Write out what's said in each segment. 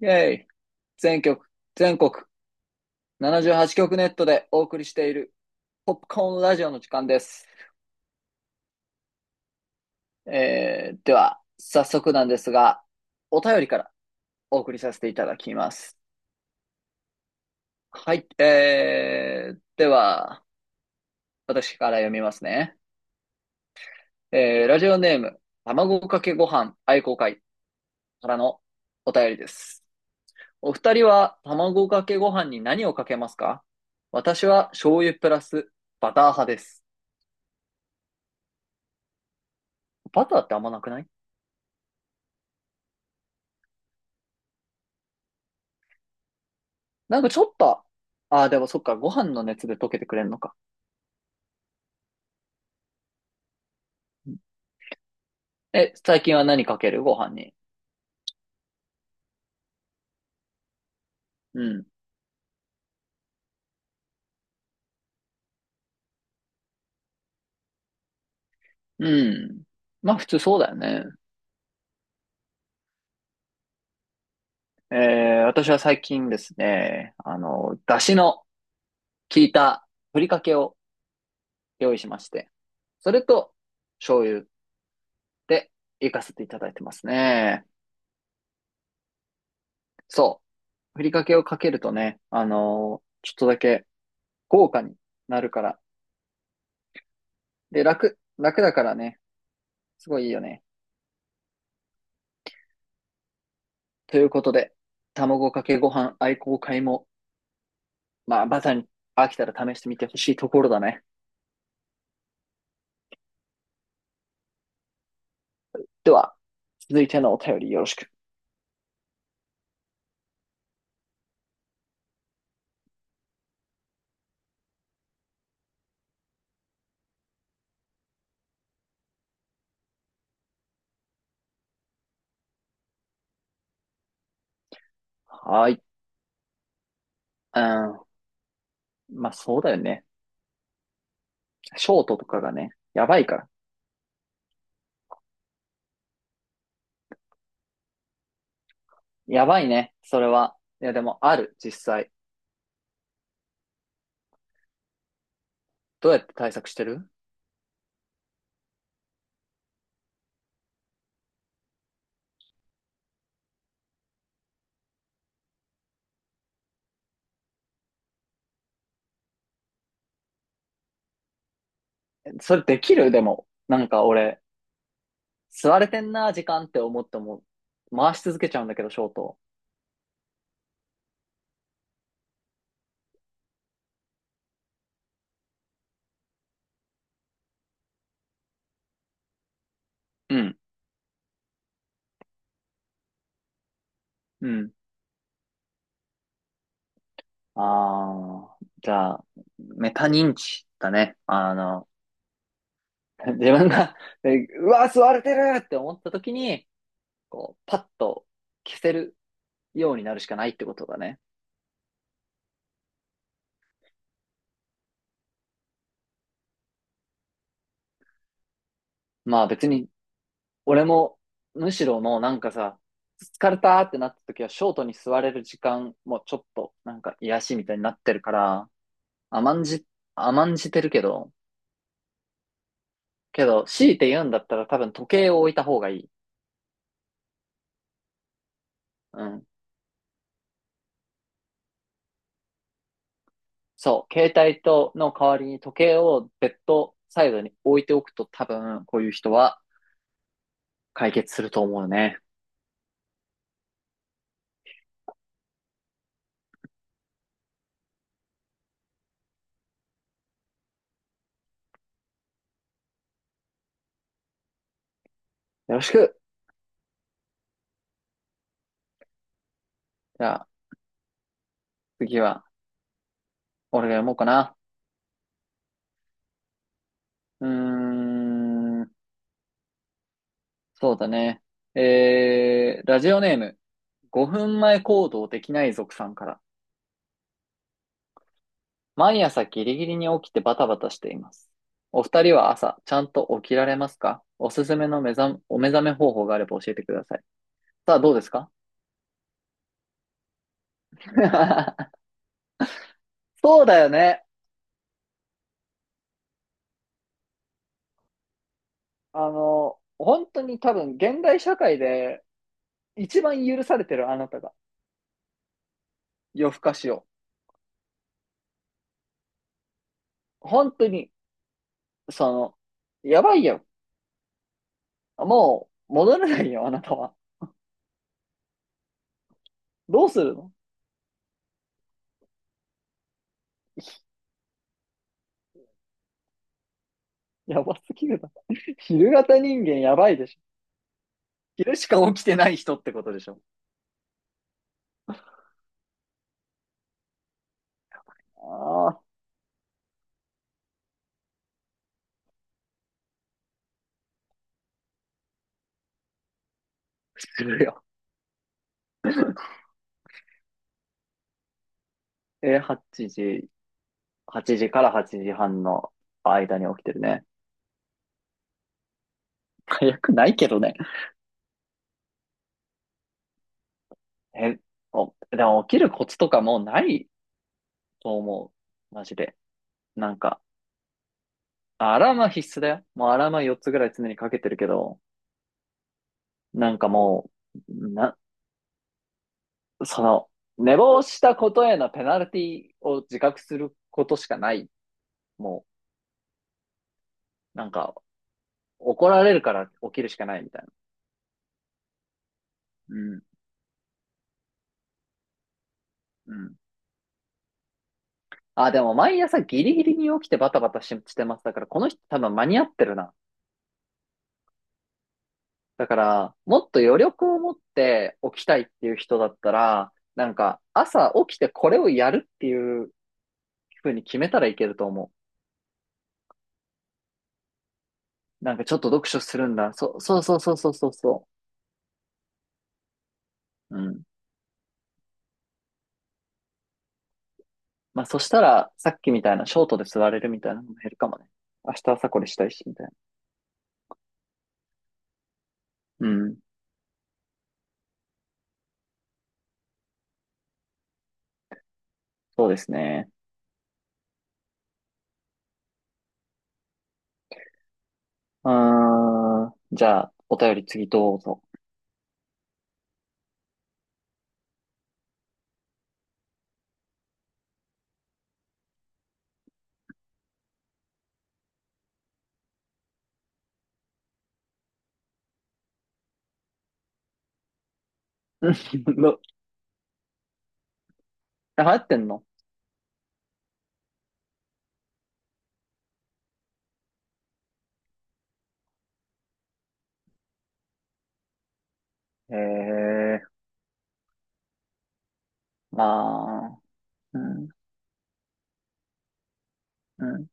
イェイ、全曲、全国、78曲ネットでお送りしている、ポップコーンラジオの時間です。では、早速なんですが、お便りからお送りさせていただきます。はい、では、私から読みますね。ラジオネーム、卵かけご飯愛好会からのお便りです。お二人は卵かけご飯に何をかけますか？私は醤油プラスバター派です。バターってあんまなくない？なんかちょっと、ああ、でもそっか、ご飯の熱で溶けてくれんのか。うん。え、最近は何かけるご飯に？うん。うん。まあ普通そうだよね。私は最近ですね、あの、出汁の効いたふりかけを用意しまして、それと醤油でいかせていただいてますね。そう。ふりかけをかけるとね、あのちょっとだけ豪華になるから。で、楽だからね、すごいいいよね。ということで、卵かけご飯愛好会も、まあ、まさに飽きたら試してみてほしいところだね。では、続いてのお便りよろしく。はーい。うん。まあ、そうだよね。ショートとかがね、やばいから。やばいね、それは。いや、でも、ある、実際。どうやって対策してる？それできる。でも、なんか俺、吸われてんな、時間って思っても、回し続けちゃうんだけど、ショート。うん。うん。ああ、じゃあ、メタ認知だね。あの、自分が、えうわ、吸われてるって思った時に、こう、パッと消せるようになるしかないってことだね。まあ別に、俺も、むしろもうなんかさ、疲れたってなった時は、ショートに座れる時間もちょっと、なんか癒しみたいになってるから、甘んじ、甘んじてるけど、けど、強いて言うんだったら多分時計を置いた方がいい。うん。そう、携帯との代わりに時計をベッドサイドに置いておくと多分、こういう人は解決すると思うね。よろしく。じゃあ、次は、俺が読もうかな。うーん、そうだね。ラジオネーム、5分前行動できない族さんから。毎朝ギリギリに起きてバタバタしています。お二人は朝、ちゃんと起きられますか？おすすめのお目覚め方法があれば教えてください。さあ、どうですか？ そうだよね。あの、本当に多分、現代社会で一番許されてるあなたが、夜更かしを。本当にその、やばいよ。もう、戻れないよ、あなたは。どうするの？ やばすぎるな。昼型人間やばいでしょ。昼しか起きてない人ってことでしょ。ああ、するよ。え8時、8時から8時半の間に起きてるね。早くないけどね。え、お、でも起きるコツとかもうないと思う。マジで。なんか、アラームは必須だよ。もうアラームは4つぐらい常にかけてるけど、なんかもう、な、その、寝坊したことへのペナルティを自覚することしかない。もう、なんか、怒られるから起きるしかないみたいな。うん。うん。あ、でも毎朝ギリギリに起きてバタバタし、してます。だからこの人多分間に合ってるな。だから、もっと余力を持って起きたいっていう人だったら、なんか朝起きてこれをやるっていうふうに決めたらいけると思う。なんかちょっと読書するんだ。そうそうそうそうそうそう。うん。まあ、そしたら、さっきみたいなショートで座れるみたいなのも減るかもね。明日朝これしたいし、みたいな。うん。そうですね。うーん。じゃあ、お便り次どうぞ。うんの、流行ってんの？へえ。まあ、うん、うん。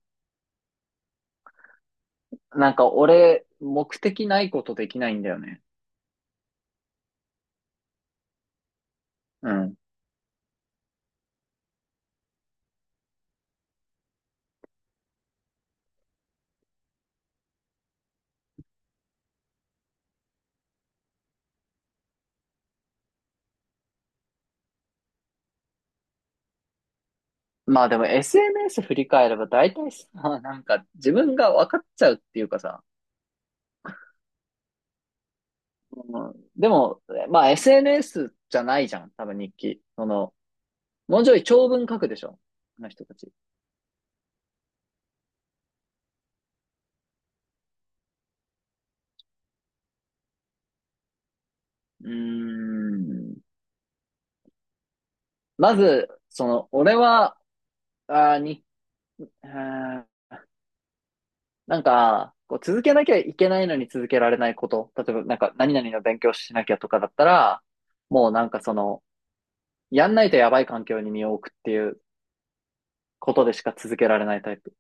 なんか俺、目的ないことできないんだよね。うん。まあでも SNS 振り返れば大体さ、なんか自分が分かっちゃうっていうかさ、うん、でも、まあ SNS じゃないじゃん、多分日記。その、もうちょい長文書くでしょ、あの人たち。うーん。まず、その、俺は、あに、あなんか、こう続けなきゃいけないのに続けられないこと。例えば、なんか、何々の勉強しなきゃとかだったら、もうなんかその、やんないとやばい環境に身を置くっていうことでしか続けられないタイプ。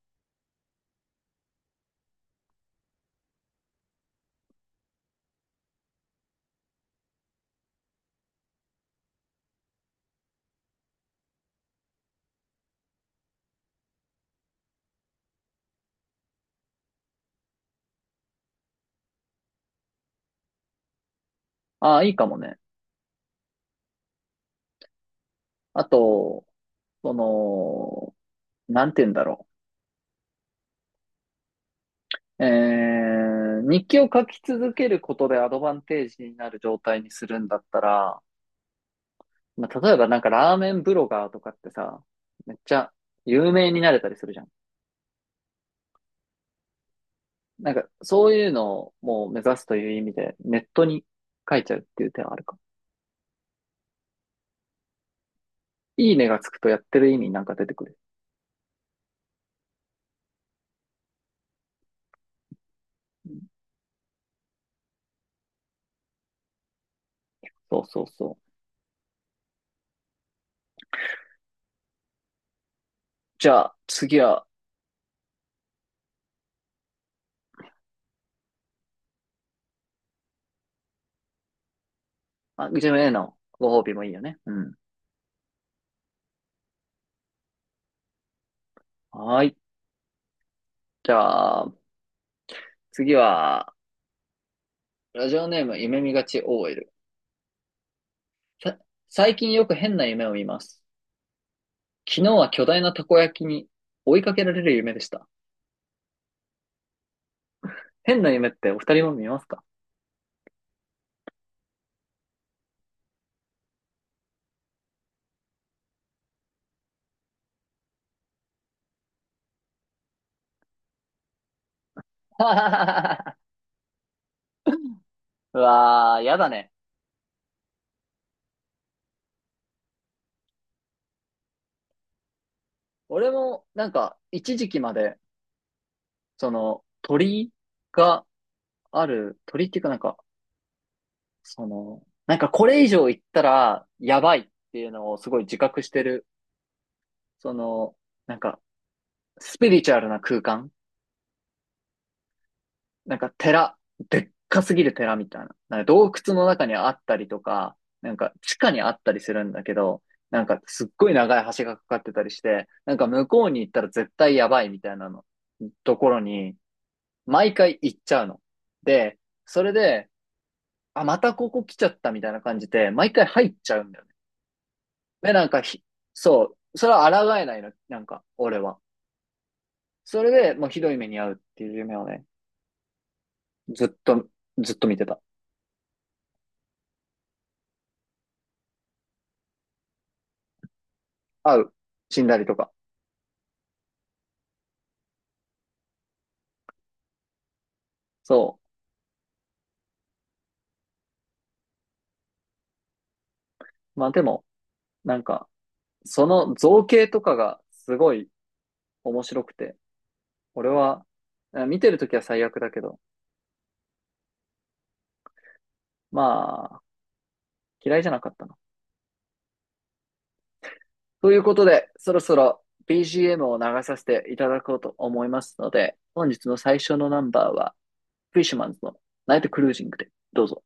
ああ、いいかもね。あと、その、なんて言うんだろう。え日記を書き続けることでアドバンテージになる状態にするんだったら、まあ、例えばなんかラーメンブロガーとかってさ、めっちゃ有名になれたりするじゃん。なんかそういうのをもう目指すという意味でネットに書いちゃうっていう手はあるか。いいねがつくとやってる意味なんか出てくる。うん、そうそうそう。じゃあ次は、あ、うちへのご褒美もいいよね。うん。はーい。じゃあ次は、ラジオネーム夢見がち OL。さ、最近よく変な夢を見ます。昨日は巨大なたこ焼きに追いかけられる夢でした。変な夢ってお二人も見ますか？ うわー、やだね。俺も、なんか、一時期まで、その、鳥がある、鳥っていうかなんか、その、なんかこれ以上行ったら、やばいっていうのをすごい自覚してる、その、なんか、スピリチュアルな空間なんか寺、でっかすぎる寺みたいな。なんか洞窟の中にあったりとか、なんか地下にあったりするんだけど、なんかすっごい長い橋がかかってたりして、なんか向こうに行ったら絶対やばいみたいなの、ところに、毎回行っちゃうの。で、それで、あ、またここ来ちゃったみたいな感じで、毎回入っちゃうんだよね。で、なんかひ、そう、それは抗えないの、なんか、俺は。それで、もうひどい目に遭うっていう夢をね、ずっと、ずっと見てた。会う。死んだりとか。そう。まあでも、なんか、その造形とかがすごい面白くて、俺は、あ見てるときは最悪だけど、まあ、嫌いじゃなかったな。ということで、そろそろ BGM を流させていただこうと思いますので、本日の最初のナンバーは、フィッシュマンズのナイトクルージングで、どうぞ。